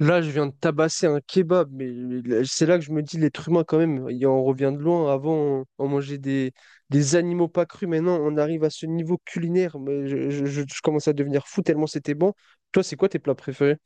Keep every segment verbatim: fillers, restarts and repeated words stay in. Là, je viens de tabasser un kebab, mais mais là- c'est là que je me dis, l'être humain, quand même, il en revient de loin. Avant, on, on mangeait des, des animaux pas crus. Maintenant, on arrive à ce niveau culinaire. Mais je, je- je- je commence à devenir fou tellement c'était bon. Toi, c'est quoi tes plats préférés?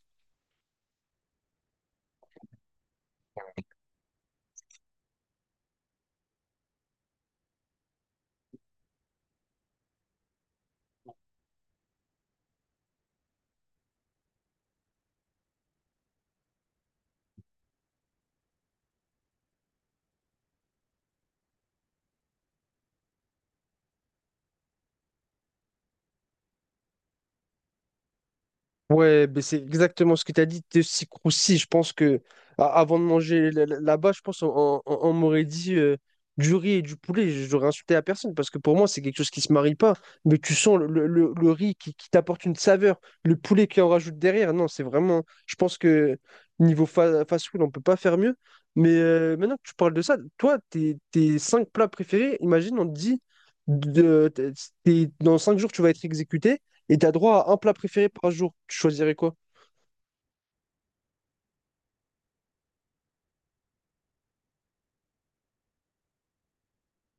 Ouais, ben c'est exactement ce que tu as dit, Tessi-Croussi. Je pense que a- avant de manger la- la- là-bas, je pense on, on- on m'aurait dit euh, du riz et du poulet. J'aurais insulté la personne parce que pour moi, c'est quelque chose qui se marie pas. Mais tu sens le, le- le- le riz qui, qui t'apporte une saveur, le poulet qui en rajoute derrière. Non, c'est vraiment. Je pense que niveau fa- fast-food, on peut pas faire mieux. Mais euh, maintenant que tu parles de ça, toi, tes, tes cinq plats préférés, imagine, on te dit de, t'es- t'es- dans cinq jours, tu vas être exécuté. Et t'as droit à un plat préféré par jour. Tu choisirais quoi?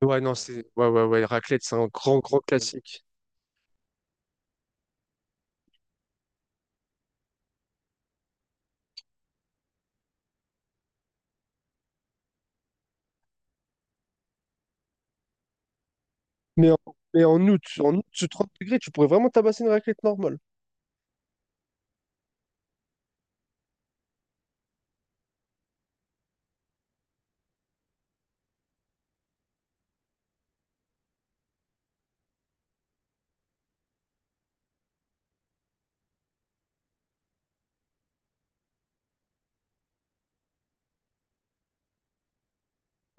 Ouais, non, c'est. Ouais, ouais, ouais. Raclette, c'est un grand, grand classique. Mais en, mais en août, en août, sous trente degrés, tu pourrais vraiment tabasser une raclette normale.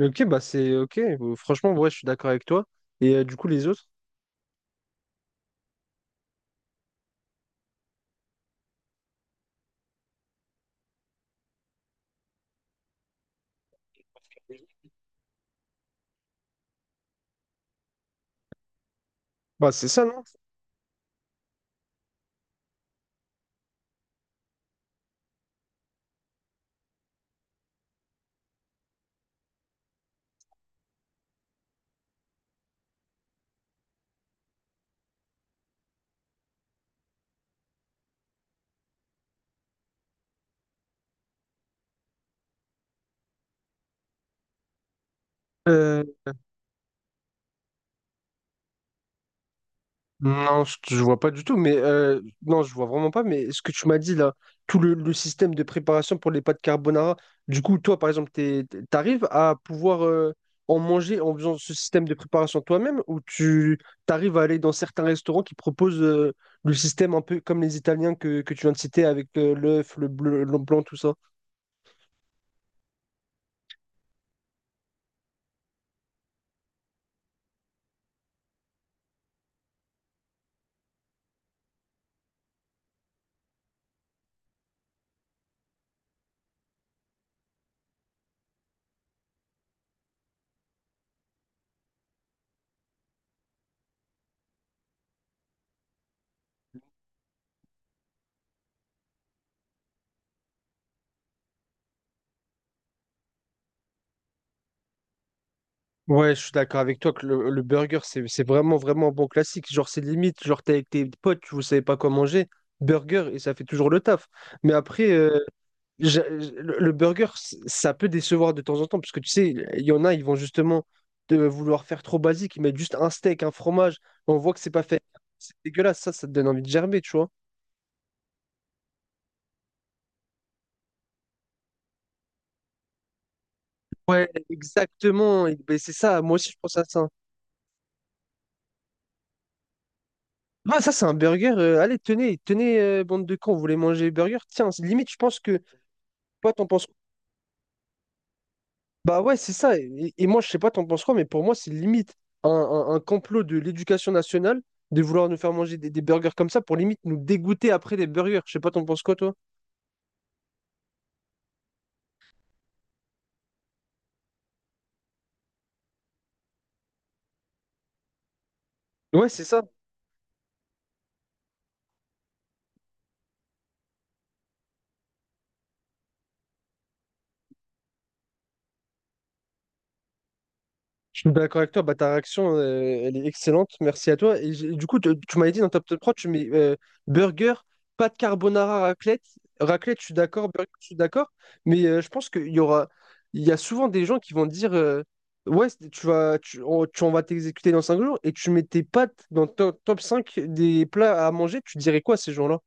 Ok, bah c'est ok. Euh, Franchement, ouais, je suis d'accord avec toi. Et euh, du coup, les autres? Bah c'est ça, non? Euh, Non, je je vois pas du tout, mais euh, non, je vois vraiment pas. Mais ce que tu m'as dit là, tout le, le système de préparation pour les pâtes carbonara, du coup, toi, par exemple, t'es- t'es- t'arrives à pouvoir euh, en manger en faisant ce système de préparation toi-même, ou tu t'arrives à aller dans certains restaurants qui proposent euh, le système un peu comme les Italiens que, que tu viens de citer avec euh, l'œuf, le bleu, le blanc, tout ça? Ouais, je suis d'accord avec toi que le, le burger, c'est, c'est vraiment, vraiment un bon classique. Genre, c'est limite, genre, t'es avec tes potes, vous savez pas quoi manger, burger, et ça fait toujours le taf. Mais après, euh, j'a- le, le burger, c- ça peut décevoir de temps en temps, parce que tu sais, il y en a, ils vont justement de vouloir faire trop basique, ils mettent juste un steak, un fromage, on voit que c'est pas fait. C'est dégueulasse, ça, ça te donne envie de gerber, tu vois. Ouais, exactement, et- ben, c'est ça, moi aussi, je pense à ça. Ah, ça, c'est un burger. Euh, allez, tenez, tenez, euh, bande de cons, vous voulez manger burger? Tiens, limite, je pense que. Toi, t'en penses quoi? Bah ouais, c'est ça. Et, et moi, je sais pas, t'en penses quoi, mais pour moi, c'est limite un, un- un complot de l'éducation nationale de vouloir nous faire manger des, des burgers comme ça pour limite nous dégoûter après des burgers. Je sais pas, t'en penses quoi, toi? Ouais, c'est ça. Je suis d'accord avec toi, bah, ta réaction, euh, elle est excellente, merci à toi. Et j'ai- du coup, tu tu m'avais dit dans Top Top trois, tu mets euh, burger, pâte carbonara, raclette. Raclette, je suis d'accord, burger, je suis d'accord. Mais euh, je pense qu'il y aura, il y a souvent des gens qui vont dire, euh, ouais, c'est- tu vas, tu, on, tu- on va t'exécuter dans cinq jours, et tu mets tes pâtes dans top, top cinq des plats à manger, tu dirais quoi à ces gens-là?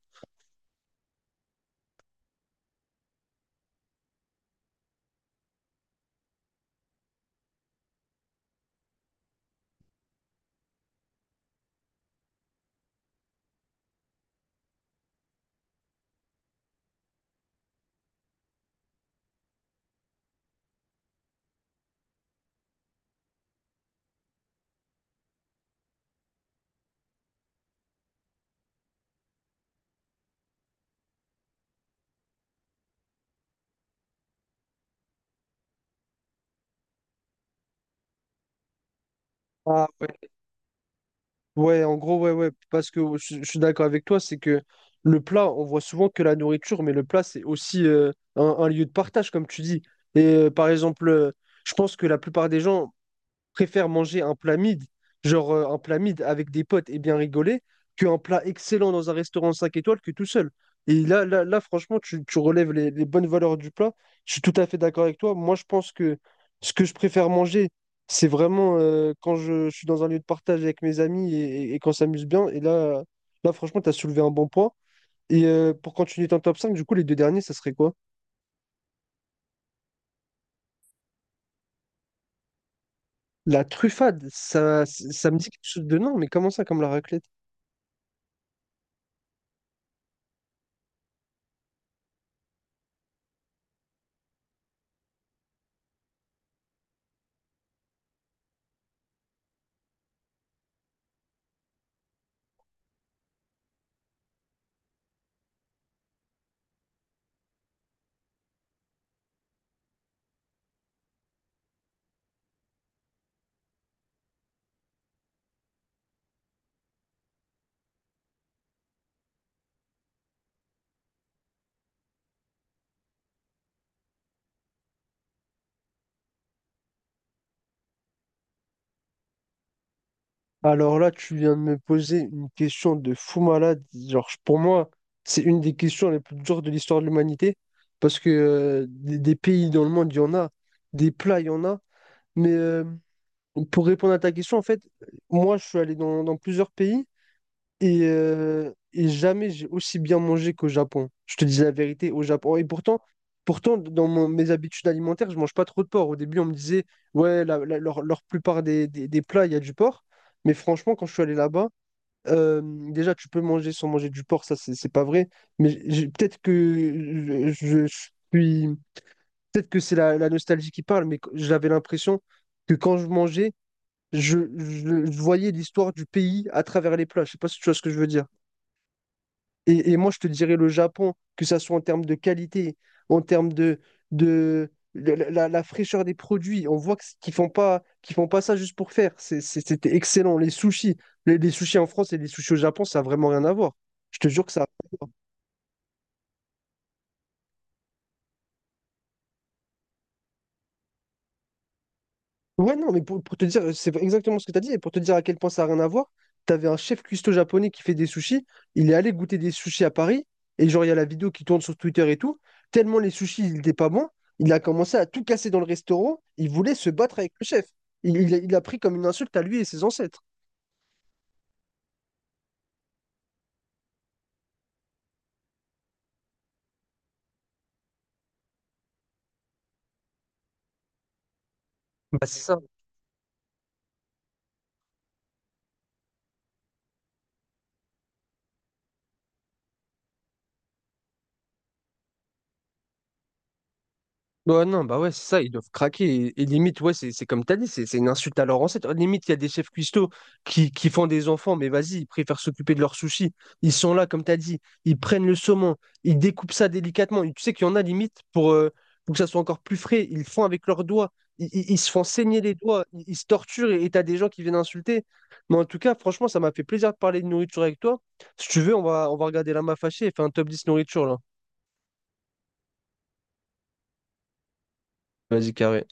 Ah, ouais, en gros, ouais, ouais, parce que je, je suis d'accord avec toi, c'est que le plat, on voit souvent que la nourriture, mais le plat, c'est aussi euh, un, un lieu de partage, comme tu dis. Et euh, par exemple, euh, je pense que la plupart des gens, préfère manger un plat mid, genre euh, un plat mid avec des potes et bien rigoler, qu'un plat excellent dans un restaurant cinq étoiles que tout seul. Et là, là, là franchement, tu, tu relèves les, les bonnes valeurs du plat. Je suis tout à fait d'accord avec toi. Moi, je pense que ce que je préfère manger, c'est vraiment euh, quand je, je suis dans un lieu de partage avec mes amis et, et- et qu'on s'amuse bien. Et là, là franchement, tu as soulevé un bon point. Et euh, pour continuer ton top cinq, du coup, les deux derniers, ça serait quoi? La truffade, ça, ça me dit quelque chose de non, mais comment ça, comme la raclette? Alors là, tu viens de me poser une question de fou malade. Genre, je- pour moi, c'est une des questions les plus dures de l'histoire de l'humanité. Parce que euh, des, des pays dans le monde, il y en a. Des plats, il y en a. Mais euh, pour répondre à ta question, en fait, moi, je suis allé dans, dans plusieurs pays. Et, euh, et jamais j'ai aussi bien mangé qu'au Japon. Je te dis la vérité, au Japon. Et pourtant, pourtant dans mon- mes habitudes alimentaires, je mange pas trop de porc. Au début, on me disait, ouais, la, la- leur, leur plupart des, des- des plats, il y a du porc. Mais franchement, quand je suis allé là-bas, euh, déjà, tu peux manger sans manger du porc, ça, c'est c'est pas vrai. Mais j'ai- j'ai- peut-être que je, je- je suis. Peut-être que c'est la, la nostalgie qui parle, mais j'avais l'impression que quand je mangeais, je, je je voyais l'histoire du pays à travers les plats. Je sais pas si tu vois ce que je veux dire. Et, et moi, je te dirais le Japon, que ça soit en termes de qualité, en termes de, de la, la- la fraîcheur des produits. On voit que- qu'ils font pas, qu'ils font pas ça juste pour faire. C'est- c'est- C'était excellent. Les sushis, les, les sushis en France et les sushis au Japon, ça n'a vraiment rien à voir. Je te jure que ça. Ouais, non, mais pour, pour te dire, c'est exactement ce que tu as dit, et pour te dire à quel point ça n'a rien à voir, tu avais un chef cuistot japonais qui fait des sushis, il est allé goûter des sushis à Paris, et genre, il y a la vidéo qui tourne sur Twitter et tout, tellement les sushis, ils n'étaient pas bons, il a commencé à tout casser dans le restaurant, il voulait se battre avec le chef. Il, il a il a pris comme une insulte à lui et ses ancêtres. Bah, c'est ça. Ouais, non, bah ouais, c'est ça, ils doivent craquer. Et, et limite, ouais, c'est c'est comme t'as dit, c'est c'est une insulte à leur ancêtre. Limite, il y a des chefs cuistots qui, qui font des enfants, mais vas-y, ils préfèrent s'occuper de leurs sushis. Ils sont là, comme t'as dit, ils prennent le saumon, ils découpent ça délicatement. Et tu sais qu'il y en a limite pour, euh, pour que ça soit encore plus frais, ils le font avec leurs doigts, ils, ils- ils se font saigner les doigts, ils, ils se torturent et et t'as des gens qui viennent insulter. Mais en tout cas, franchement, ça m'a fait plaisir de parler de nourriture avec toi. Si tu veux, on va, on va regarder la main fâchée et faire un top dix nourriture là. Vas-y, carré.